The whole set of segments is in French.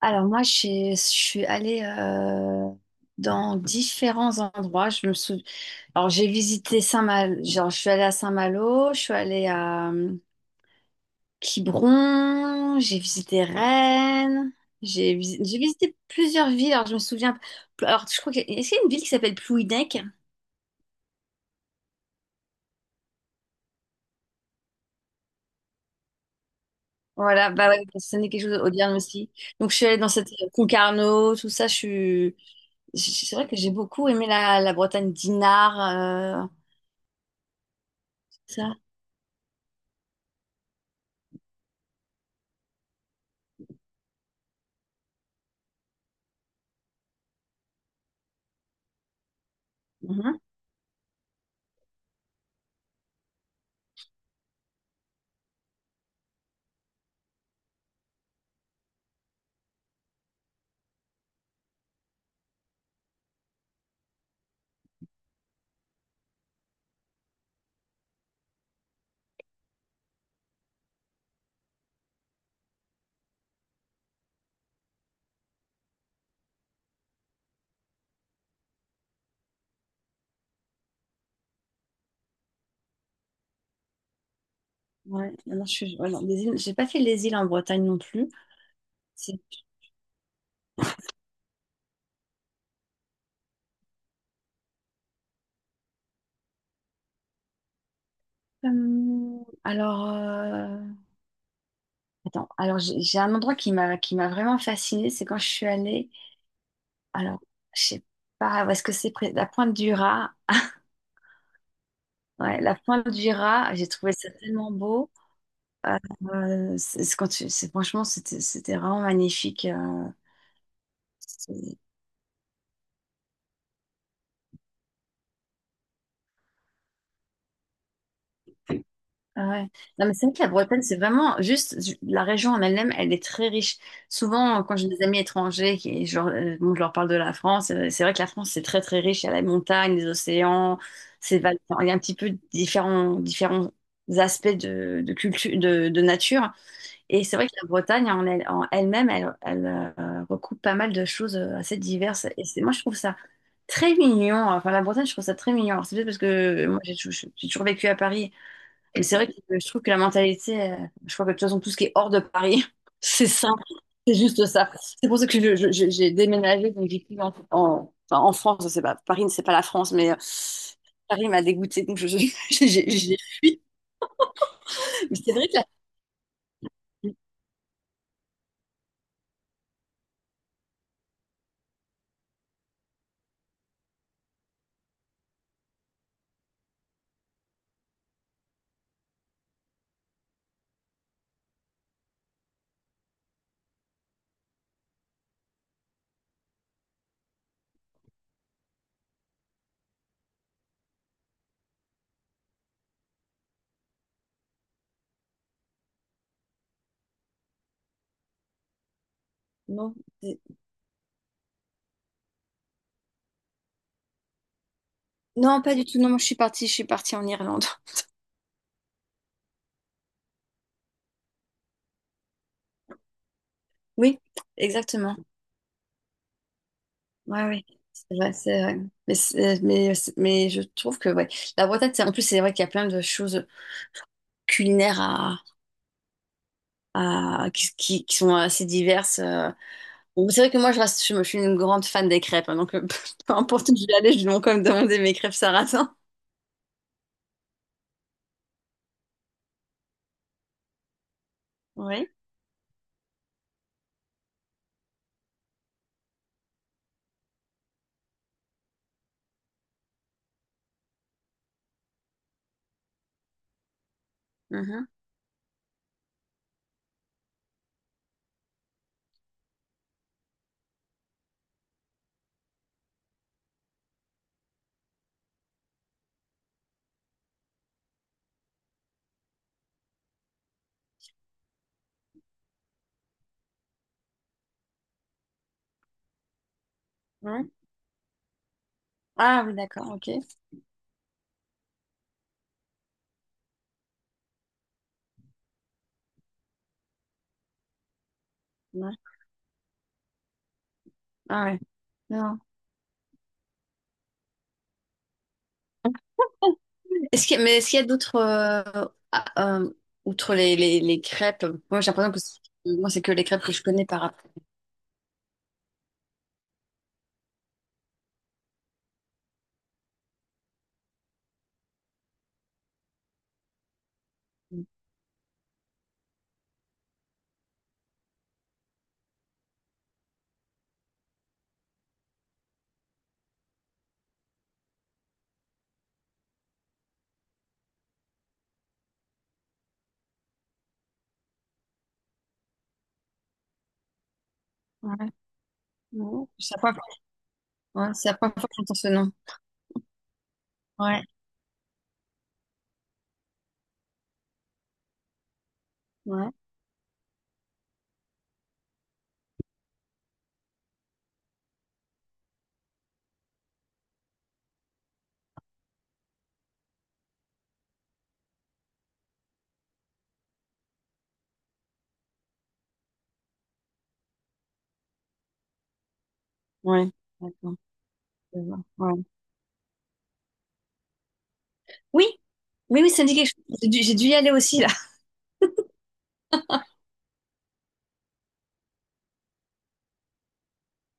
Alors moi, je suis allée dans différents endroits. Je me souviens. Alors j'ai visité Saint-Malo. Genre, je suis allée à Saint-Malo, je suis allée à Quiberon, j'ai visité Rennes, j'ai visité plusieurs villes. Alors je me souviens. Alors je crois que est-ce qu'il y a une ville qui s'appelle Plouhinec? Voilà, bah ouais, ça n'est quelque chose au Auvergne aussi. Donc je suis allée dans cette Concarneau, tout ça. Je suis. C'est vrai que j'ai beaucoup aimé la Bretagne d'Inard. euh, Ça. Mmh. Ouais, non, j'ai pas fait les îles en Bretagne non plus. C'est comme- alors Attends, alors j'ai un endroit qui m'a vraiment fascinée, c'est quand je suis allée. Alors, je sais pas, est-ce que c'est près la pointe du Raz? Ouais, la pointe du Raz, j'ai trouvé ça tellement beau. C'est quand franchement, c'était vraiment magnifique. Ah ouais. Non, mais c'est vrai que la Bretagne, c'est vraiment la région en elle-même, elle est très riche. Souvent, quand j'ai des amis étrangers qui, genre, bon, je leur parle de la France, c'est vrai que la France, c'est très très riche. Il y a la montagne, les océans, enfin, il y a un petit peu différents, différents aspects de culture, de nature. Et c'est vrai que la Bretagne en elle-même, elle recoupe pas mal de choses assez diverses. Et c'est, moi, je trouve ça très mignon. Enfin, la Bretagne, je trouve ça très mignon. Alors, c'est peut-être parce que moi, j'ai toujours vécu à Paris. Et c'est vrai que je trouve que la mentalité, je crois que de toute façon, tout ce qui est hors de Paris, c'est simple, c'est juste ça. C'est pour ça que j'ai déménagé, donc j'ai plus enfin, en France, c'est pas, Paris, c'est pas la France, mais Paris m'a dégoûtée, donc je, j'ai- j'ai- j'ai- mais c'est vrai que non, c'est- non, pas du tout, non, moi, je suis partie en Irlande. Oui, exactement. Ouais, oui, c'est vrai, c'est vrai. Mais, c'est- mais, mais je trouve que ouais. La Bretagne, en plus, c'est vrai qu'il y a plein de choses culinaires qui sont assez diverses. Bon, c'est vrai que moi, je, reste, je, suis une grande fan des crêpes, hein, donc peu importe où je vais aller, je vais quand même demander mes crêpes sarrasin. Oui. Mhm. Oui. Ah oui, d'accord, ok. Ouais. Ah ouais. Non. Est-ce qu'il y a- Mais est-ce qu'il y a d'autres, ah, euh, outre les crêpes, moi j'ai l'impression que moi c'est que les crêpes que je connais par rapport. Ouais. Ouais. C'est la première fois Ouais, c'est la première fois que j'entends ce nom. Ouais. Ouais. Ouais. D'accord. Je vois. Ouais. Oui, oui, oui, ça me dit quelque chose. J'ai dû y aller aussi, là.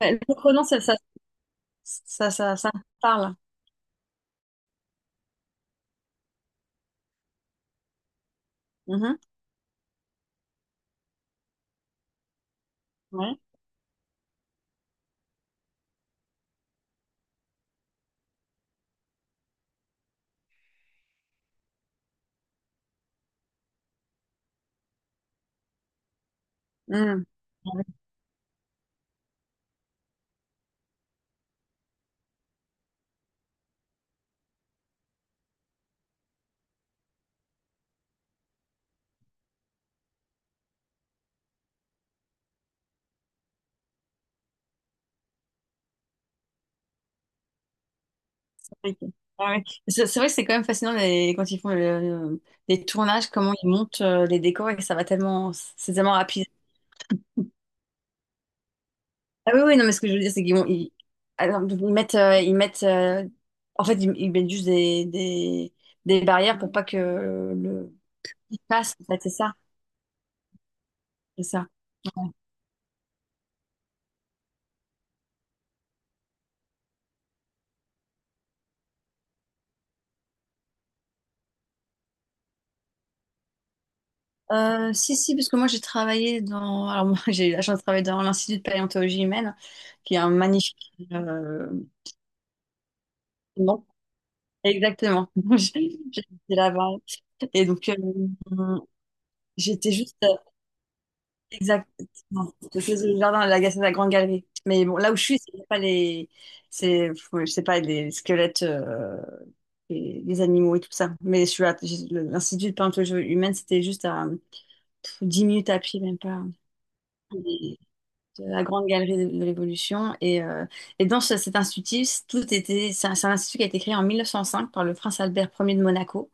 Ouais, le pronom, ça me parle. Mhm. Ouais. Mhm. Ouais, ok. Ah ouais. C'est vrai que c'est quand même fascinant quand ils font les tournages, comment ils montent les décors et que ça va tellement, c'est tellement rapide. Ah oui, oui, non, mais ce que je veux dire, c'est alors, ils mettent, en fait, ils mettent juste des barrières pour pas que il passe, en fait, c'est ça. Si, si, parce que moi j'ai travaillé dans. Alors, moi j'ai eu la chance de travailler dans l'Institut de paléontologie humaine, qui est un magnifique. euh, Non, exactement. J'étais là-bas. Et donc, j'étais juste. Exactement. C'était le jardin de la Grande Galerie. Mais bon, là où je suis, c'est pas les. C'est, je sais pas, les squelettes, et les animaux et tout ça. Mais je suis à... l'Institut de paléontologie humaine, c'était juste à pff, 10 minutes à pied, même pas. De la Grande Galerie de l'Évolution. Et, cet institut, tout était, c'est un institut qui a été créé en 1905 par le prince Albert Ier de Monaco,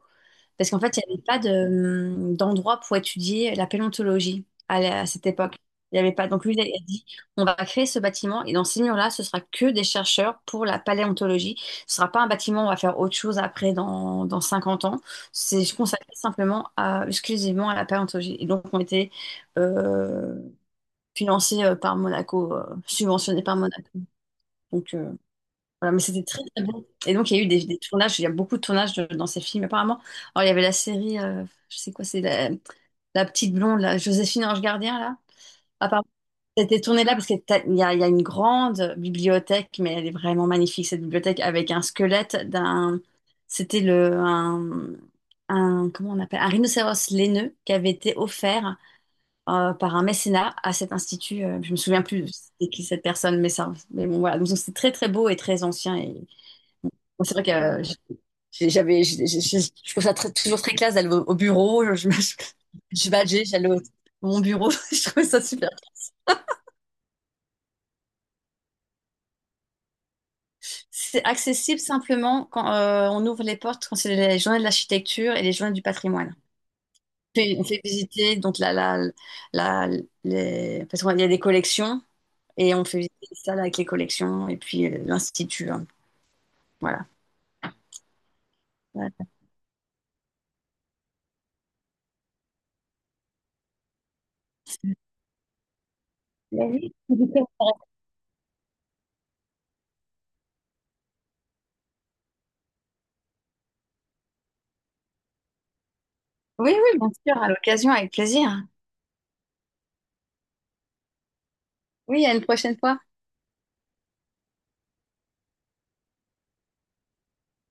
parce qu'en fait, il n'y avait pas de, d'endroit pour étudier la paléontologie à cette époque. Il n'y avait pas. Donc lui, il a dit, on va créer ce bâtiment et dans ces murs-là, ce sera que des chercheurs pour la paléontologie. Ce sera pas un bâtiment où on va faire autre chose après dans 50 ans. C'est consacré simplement à, exclusivement à la paléontologie. Et donc, on était euh, financé par Monaco, subventionné par Monaco. Donc voilà, mais c'était très très bon. Et donc il y a eu des tournages, il y a beaucoup de tournages dans ces films apparemment. Alors il y avait la série, je sais quoi, la petite blonde, la Joséphine Ange Gardien là. Apparemment, c'était tourné là parce qu'il y a une grande bibliothèque, mais elle est vraiment magnifique cette bibliothèque avec un squelette d'un, c'était le un, comment on appelle, un rhinocéros laineux qui avait été offert par un mécénat à cet institut. Je me souviens plus de c'était qui cette personne, mais ça, mais bon, voilà. Donc c'est très très beau et très ancien. Et bon, c'est vrai que j'ai- j'avais, j'ai- je trouve ça toujours très classe d'aller au bureau. Je badgeais, j'allais au mon bureau. Je trouvais ça super. C'est accessible simplement quand on ouvre les portes, quand c'est les journées de l'architecture et les journées du patrimoine. On fait visiter donc la- les... parce qu'il y a des collections et on fait visiter ça avec les collections et puis l'institut, hein. Voilà. Voilà. Oui, oui, bien sûr, à l'occasion, avec plaisir. Oui, à une prochaine fois.